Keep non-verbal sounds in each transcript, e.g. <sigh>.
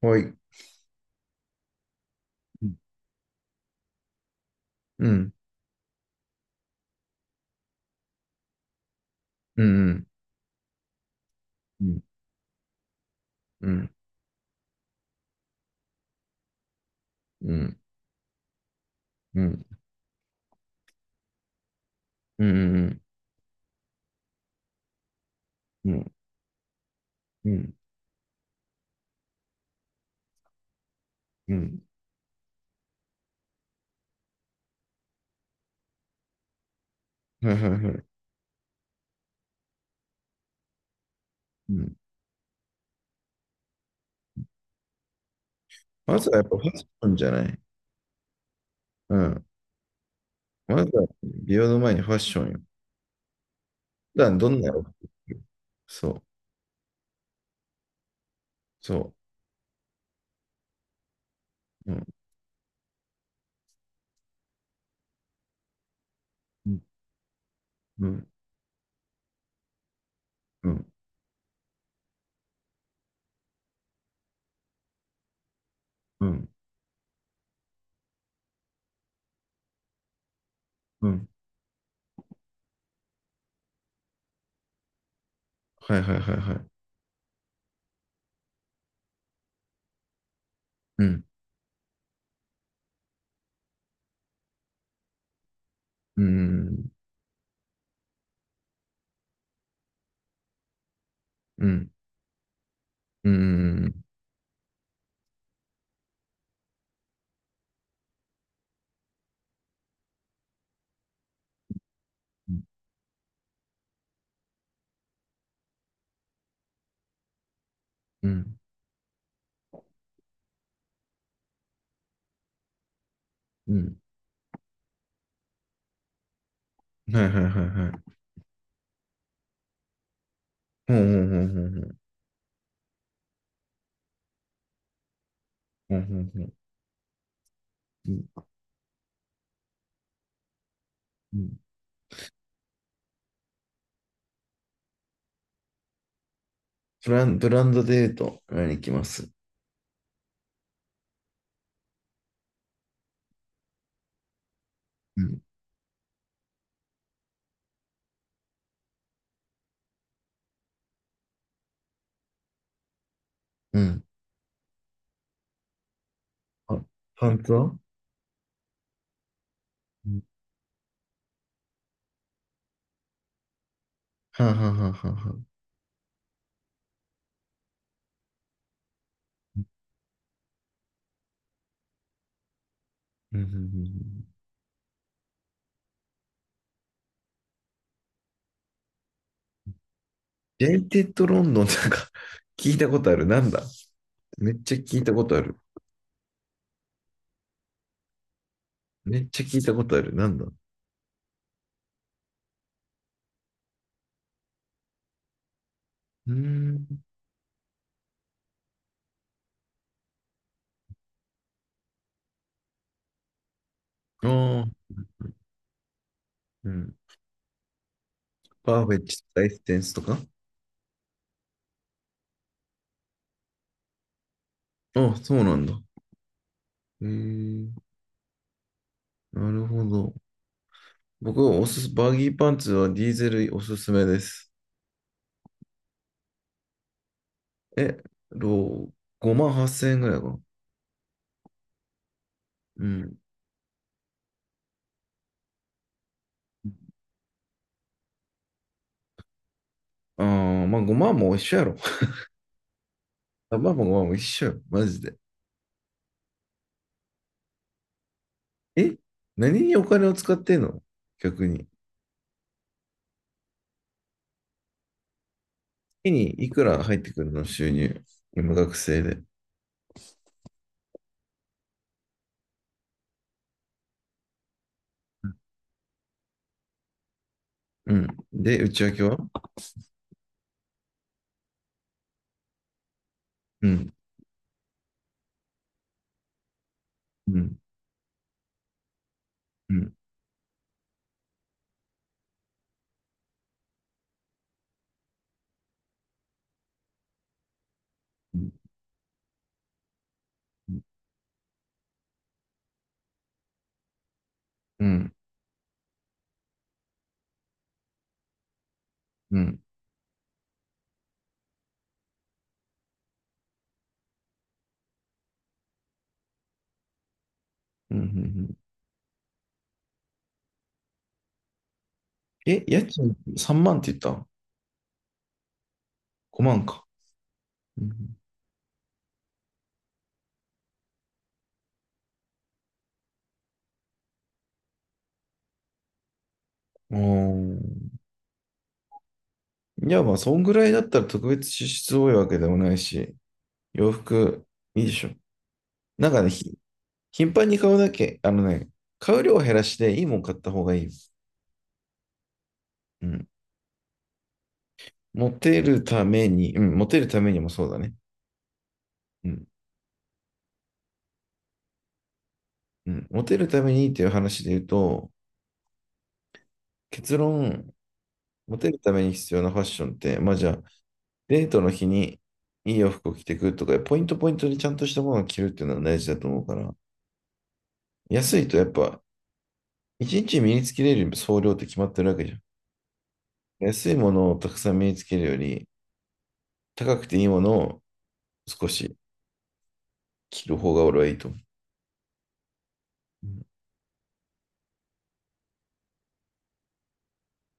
はい。うん、うん、うん、うん、うん、うん、うん、うん、うん、うん、うん、うん、はいはいはい。うん。まずはやっぱファッションじゃない？うん。まずは美容の前にファッションよ。普段どんな洋服着る？そう、そう。うん、うん、うん、うん、うん。はいはいはいはい。うん、うん、うん、うん、うん、うん。はいはいはいはい。うんうん、ほんほんほんんんん。うん、うん。ブランドで言うと、何行きます？うん。うん。あ、パンツは？はあ、はあはあはあはあ。うんうんうんうん。ジェイテッドロンドンなんか <laughs> 聞いたことある。なんだ、めっちゃ聞いたことある。めっちゃ聞いたことある。なんだ、うーん。ああ、うん。パーフェクトライステンスとか？あ、そうなんだ。へえ、なるほど。僕はおすす、バギーパンツはディーゼルおすすめです。え、ろ5万8千円ぐらいかな。うん。ああ、まあ5万も一緒やろ。あ、まあまあまあまあ、一緒よ。マジで。え、何にお金を使ってんの？逆に。月にいくら入ってくるの、収入？今学生で。うん。で、内訳は？うん。うん。うん。うん。うん。うん。うん。うんうん。え、家賃3万って言った？ 5 万か。うん。うん、いや、まあ、そんぐらいだったら特別支出多いわけでもないし、洋服いいでしょ。なんかね、頻繁に買うだけ、あのね、買う量を減らしていいもん買った方がいい。うん。モテるために、うん、モテるためにもそうだね。うん、うん。モテるためにっていう話で言うと、結論、モテるために必要なファッションって、まあじゃあ、デートの日にいい洋服を着てくとか、ポイントポイントにちゃんとしたものを着るっていうのは大事だと思うから。安いとやっぱ、一日身につけれる総量って決まってるわけじゃん。安いものをたくさん身につけるより、高くていいものを少し着る方が俺はいいと思う。うん。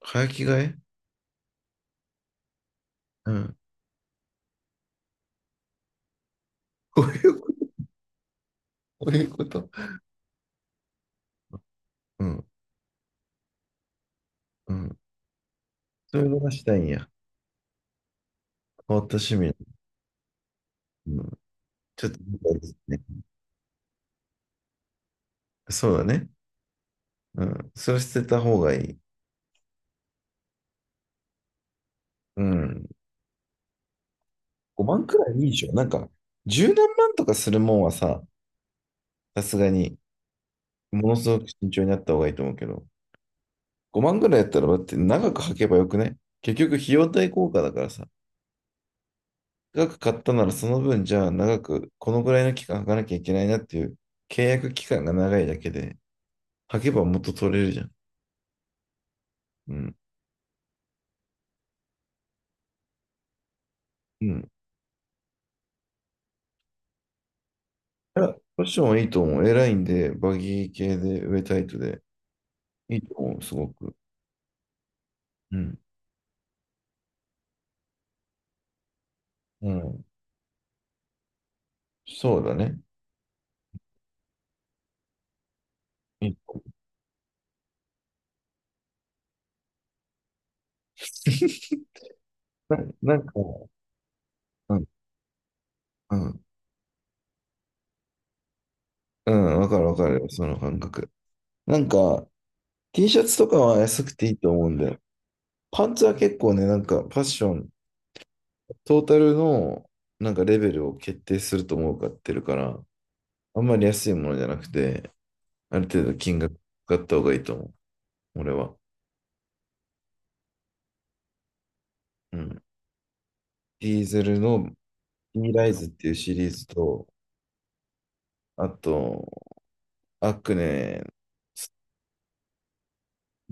早着替え？うん。こういうこと？<laughs> こういうこと。うん。うん。そういうのがしたいんや。変わった趣味。うん、ちょっと見たいですね。そうだね。うん。それ捨てた方がいい。うん。5万くらいいいでしょ。なんか、十何万とかするもんはさ、さすがに、ものすごく慎重になった方がいいと思うけど、5万くらいやったら、だって長く履けばよくね？結局、費用対効果だからさ。長く買ったならその分、じゃあ長く、このぐらいの期間履かなきゃいけないなっていう、契約期間が長いだけで、履けばもっと取れるじゃん。うん。うん。いや、ファッションはいいと思う。エラインで、バギー系で、上タイトで。いいと思う、すごく。うん。うん。そうだね。いいと思う。<laughs> なんか、うん、うん。うん、わかるわかるよ、その感覚。なんか、T シャツとかは安くていいと思うんだよ。パンツは結構ね、なんか、ファッション、トータルの、なんか、レベルを決定すると思うかってるから、あんまり安いものじゃなくて、ある程度金額があった方がいいと思う、俺は。うん。ディーゼルの D ライズっていうシリーズと、あと、アクネ、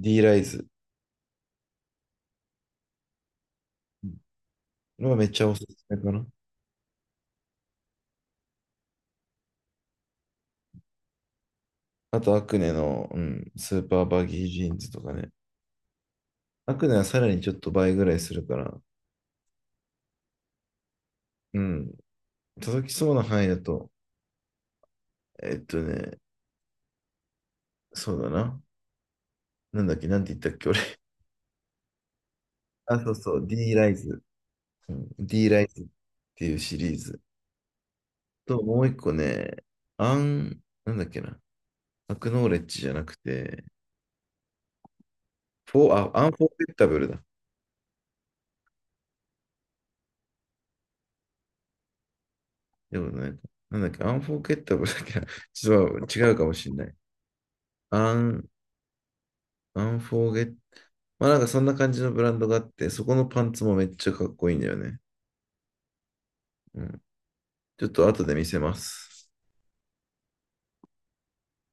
D ライズのがめっちゃおすすめかな。あと、アクネの、うん、スーパーバギージーンズとかね。アクネはさらにちょっと倍ぐらいするから、うん、届きそうな範囲だと、えっとね、そうだな。なんだっけ、なんて言ったっけ、俺。<laughs> あ、そうそう、D ライズ。うん、D ライズっていうシリーズ。と、もう一個ね、アン、なんだっけな。アクノーレッジじゃなくて、フォー、あ、アンフォーフッタブルだ。でもなんか、なんだっけ、アンフォーゲッタブルだっけな、<laughs> ちょっと違うかもしれない。アン、アンフォーゲッ、まあなんかそんな感じのブランドがあって、そこのパンツもめっちゃかっこいいんだよね。うん。ちょっと後で見せます。